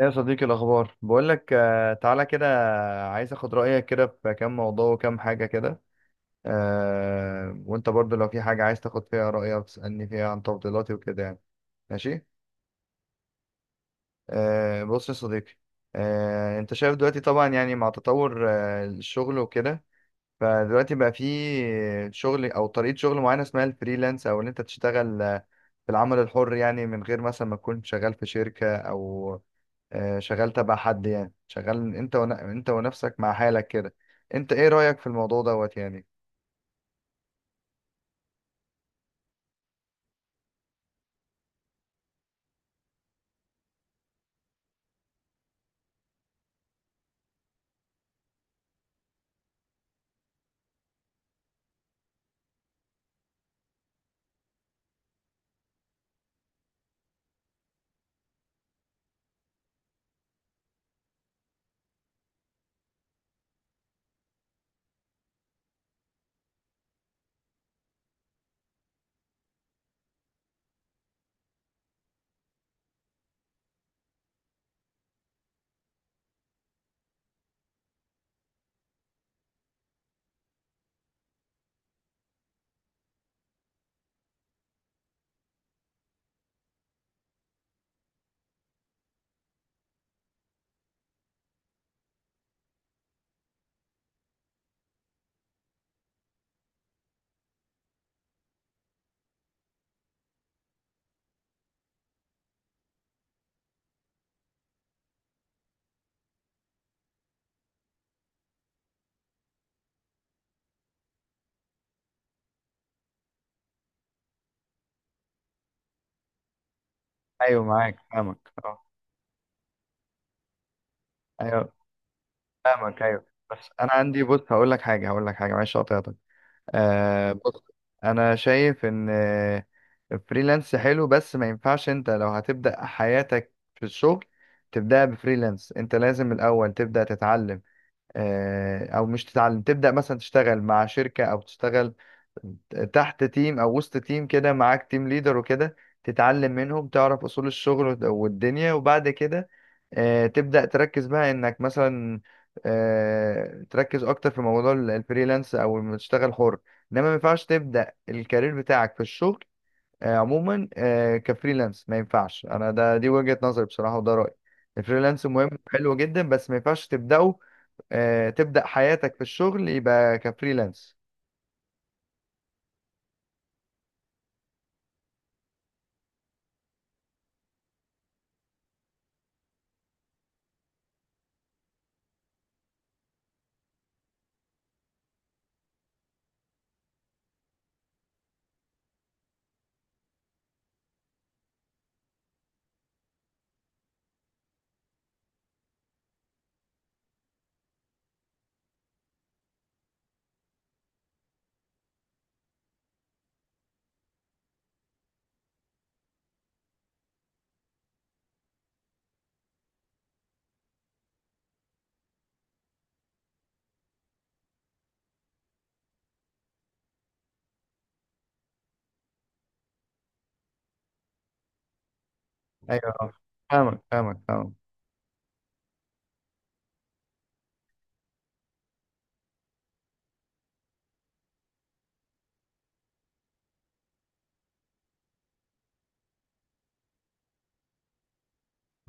إيه يا صديقي الأخبار؟ بقول لك تعالى كده، عايز أخد رأيك كده في كام موضوع وكام حاجة كده. وأنت برضو لو في حاجة عايز تاخد فيها رأيك تسألني فيها عن تفضيلاتي وكده ماشي. بص يا صديقي. أنت شايف دلوقتي طبعا يعني مع تطور الشغل وكده. فدلوقتي بقى في شغل أو طريقة شغل معينة اسمها الفريلانس، أو إن أنت تشتغل في العمل الحر، يعني من غير مثلا ما تكون شغال في شركة، أو شغال تبع حد، يعني شغال انت ونفسك مع حالك كده. انت ايه رأيك في الموضوع دوت يعني؟ ايوه معاك، فاهمك، اه. ايوه. فاهمك، ايوه، بس انا عندي، بص هقول لك حاجه، هقول لك حاجه، معلش قطعتك. آه بص، انا شايف ان الفريلانس حلو، بس ما ينفعش انت لو هتبدأ حياتك في الشغل تبدأ بفريلانس. انت لازم الاول تبدأ تتعلم، او مش تتعلم، تبدا مثلا تشتغل مع شركه، او تشتغل تحت تيم او وسط تيم كده، معاك تيم ليدر وكده، تتعلم منهم، تعرف اصول الشغل والدنيا، وبعد كده تبدا تركز بقى انك مثلا تركز اكتر في موضوع الفريلانس، او لما تشتغل حر. انما ما ينفعش تبدا الكارير بتاعك في الشغل عموما كفريلانس. ما ينفعش، انا ده دي وجهة نظري بصراحة، وده رأيي. الفريلانس مهم، حلو جدا، بس ما ينفعش تبدأه تبدأ حياتك في الشغل يبقى كفريلانس. ايوه. آه. فاهمك فاهمك.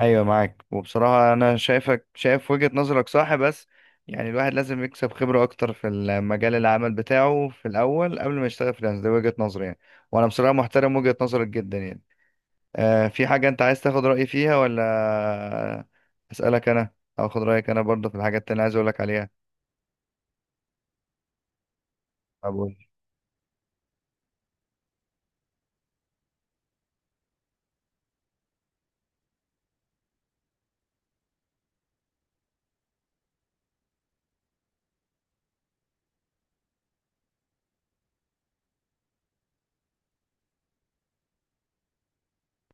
ايوه معاك، وبصراحه انا شايفك شايف وجهه نظرك صح، بس يعني الواحد لازم يكسب خبره اكتر في المجال العمل بتاعه في الاول قبل ما يشتغل فريلانس، ده وجهه نظري يعني. وانا بصراحه محترم وجهه نظرك جدا يعني. آه، في حاجه انت عايز تاخد رايي فيها، ولا اسالك انا، او اخد رايك انا برضه في الحاجات اللي أنا عايز اقول لك عليها؟ طب قول.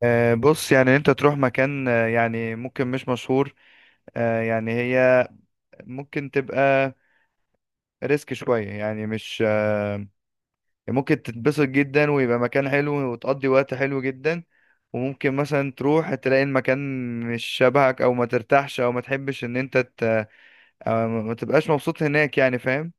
بص، يعني انت تروح مكان يعني ممكن مش مشهور، يعني هي ممكن تبقى ريسك شوية، يعني مش ممكن تتبسط جدا ويبقى مكان حلو وتقضي وقت حلو جدا، وممكن مثلا تروح تلاقي المكان مش شبهك، او ما ترتاحش، او ما تحبش أو ما تبقاش مبسوط هناك، يعني فاهم.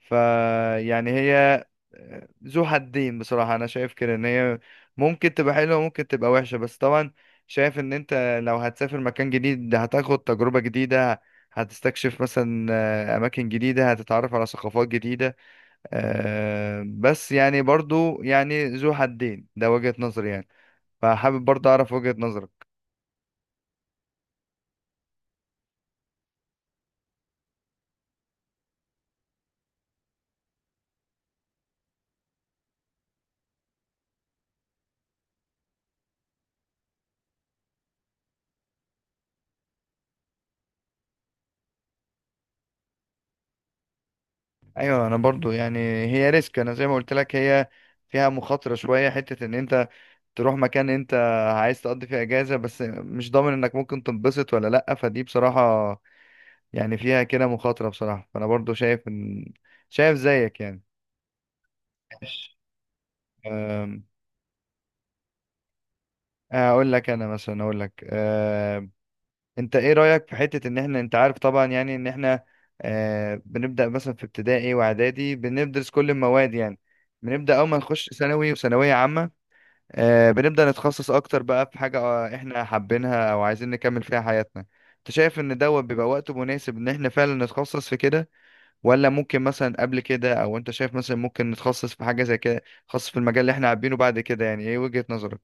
فيعني هي ذو حدين بصراحة أنا شايف كده، إن هي ممكن تبقى حلوة، ممكن تبقى وحشة. بس طبعا شايف إن أنت لو هتسافر مكان جديد هتاخد تجربة جديدة، هتستكشف مثلا أماكن جديدة، هتتعرف على ثقافات جديدة بس يعني برضو يعني ذو حدين، ده وجهة نظري يعني. فحابب برضو أعرف وجهة نظرك. أيوة، أنا برضو يعني هي ريسك، أنا زي ما قلت لك هي فيها مخاطرة شوية، حتة إن أنت تروح مكان انت عايز تقضي فيه اجازة، بس مش ضامن انك ممكن تنبسط ولا لأ. فدي بصراحة يعني فيها كده مخاطرة بصراحة، فانا برضو شايف ان، شايف زيك يعني. ماشي. أم، اقول لك انا مثلا، انت ايه رأيك في حتة ان احنا، انت عارف طبعا يعني ان احنا بنبدأ مثلا في ابتدائي واعدادي بندرس كل المواد يعني، بنبدأ اول ما نخش ثانوي وثانوية عامة بنبدأ نتخصص أكتر بقى في حاجة إحنا حابينها أو عايزين نكمل فيها حياتنا. أنت شايف إن دوت بيبقى وقت مناسب إن إحنا فعلا نتخصص في كده، ولا ممكن مثلا قبل كده؟ أو أنت شايف مثلا ممكن نتخصص في حاجة زي كده خاص في المجال اللي إحنا حابينه بعد كده؟ يعني إيه وجهة نظرك؟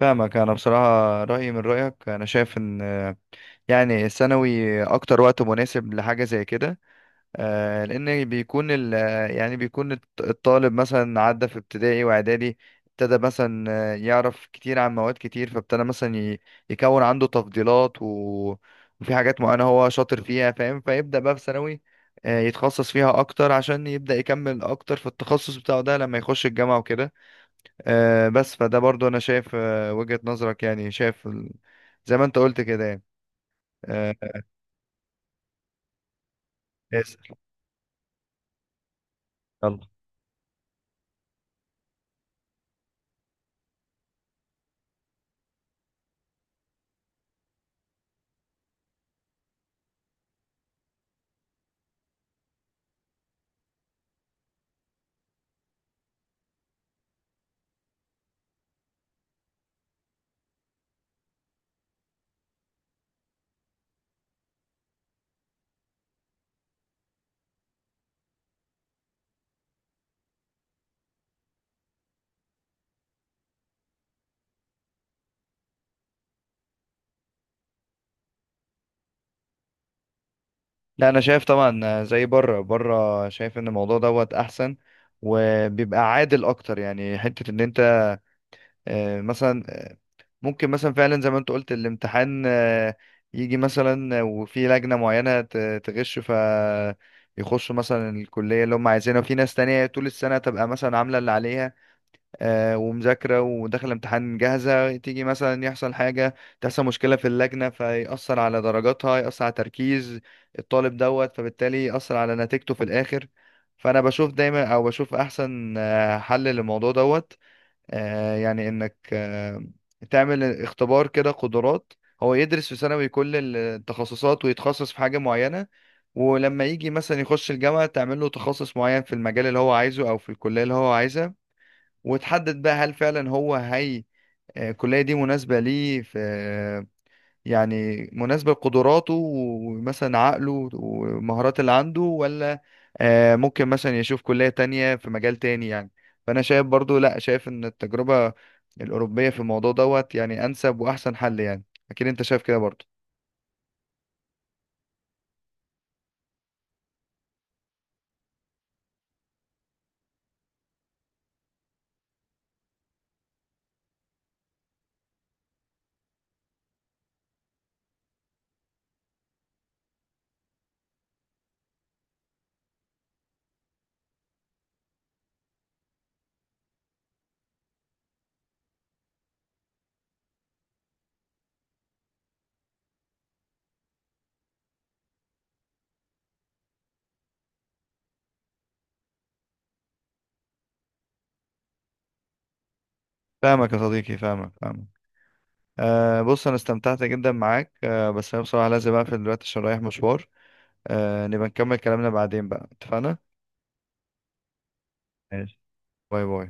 فاهمك. أنا بصراحة رأيي من رأيك، أنا شايف إن يعني الثانوي أكتر وقت مناسب لحاجة زي كده لان بيكون يعني بيكون الطالب مثلا عدى في ابتدائي واعدادي، ابتدى مثلا يعرف كتير عن مواد كتير، فابتدى مثلا يكون عنده تفضيلات وفي حاجات معينة هو شاطر فيها، فاهم؟ فيبدأ بقى في ثانوي يتخصص فيها اكتر عشان يبدأ يكمل اكتر في التخصص بتاعه ده لما يخش الجامعة وكده بس. فده برضو انا شايف وجهة نظرك، يعني شايف زي ما انت قلت كده يعني آه، اسأل. يلا. لا، انا شايف طبعا، زي بره، شايف ان الموضوع دوت احسن، وبيبقى عادل اكتر، يعني حتة ان انت مثلا ممكن مثلا فعلا زي ما انت قلت، الامتحان يجي مثلا وفي لجنة معينة تغش ف يخشوا مثلا الكلية اللي هم عايزينها، وفي ناس تانية طول السنة تبقى مثلا عاملة اللي عليها ومذاكرة وداخل امتحان جاهزة، تيجي مثلا يحصل حاجة، تحصل مشكلة في اللجنة فيأثر على درجاتها، يأثر على تركيز الطالب دوت فبالتالي يأثر على نتيجته في الآخر. فأنا بشوف دايما، أو بشوف أحسن حل للموضوع دوت يعني إنك تعمل اختبار كده قدرات. هو يدرس في ثانوي كل التخصصات ويتخصص في حاجة معينة، ولما يجي مثلا يخش الجامعة تعمل له تخصص معين في المجال اللي هو عايزه أو في الكلية اللي هو عايزها، وتحدد بقى هل فعلا هو الكلية دي مناسبة ليه في، يعني مناسبة لقدراته ومثلا عقله والمهارات اللي عنده، ولا ممكن مثلا يشوف كلية تانية في مجال تاني يعني. فأنا شايف برضو، لا شايف إن التجربة الأوروبية في الموضوع دوت يعني أنسب وأحسن حل يعني. أكيد أنت شايف كده برضو. فاهمك يا صديقي، فاهمك، فاهمك. أه بص، أنا استمتعت جدا معاك. أه بس أنا بصراحة لازم أقفل دلوقتي عشان رايح مشوار. أه، نبقى نكمل كلامنا بعدين بقى، اتفقنا؟ ماشي. باي باي.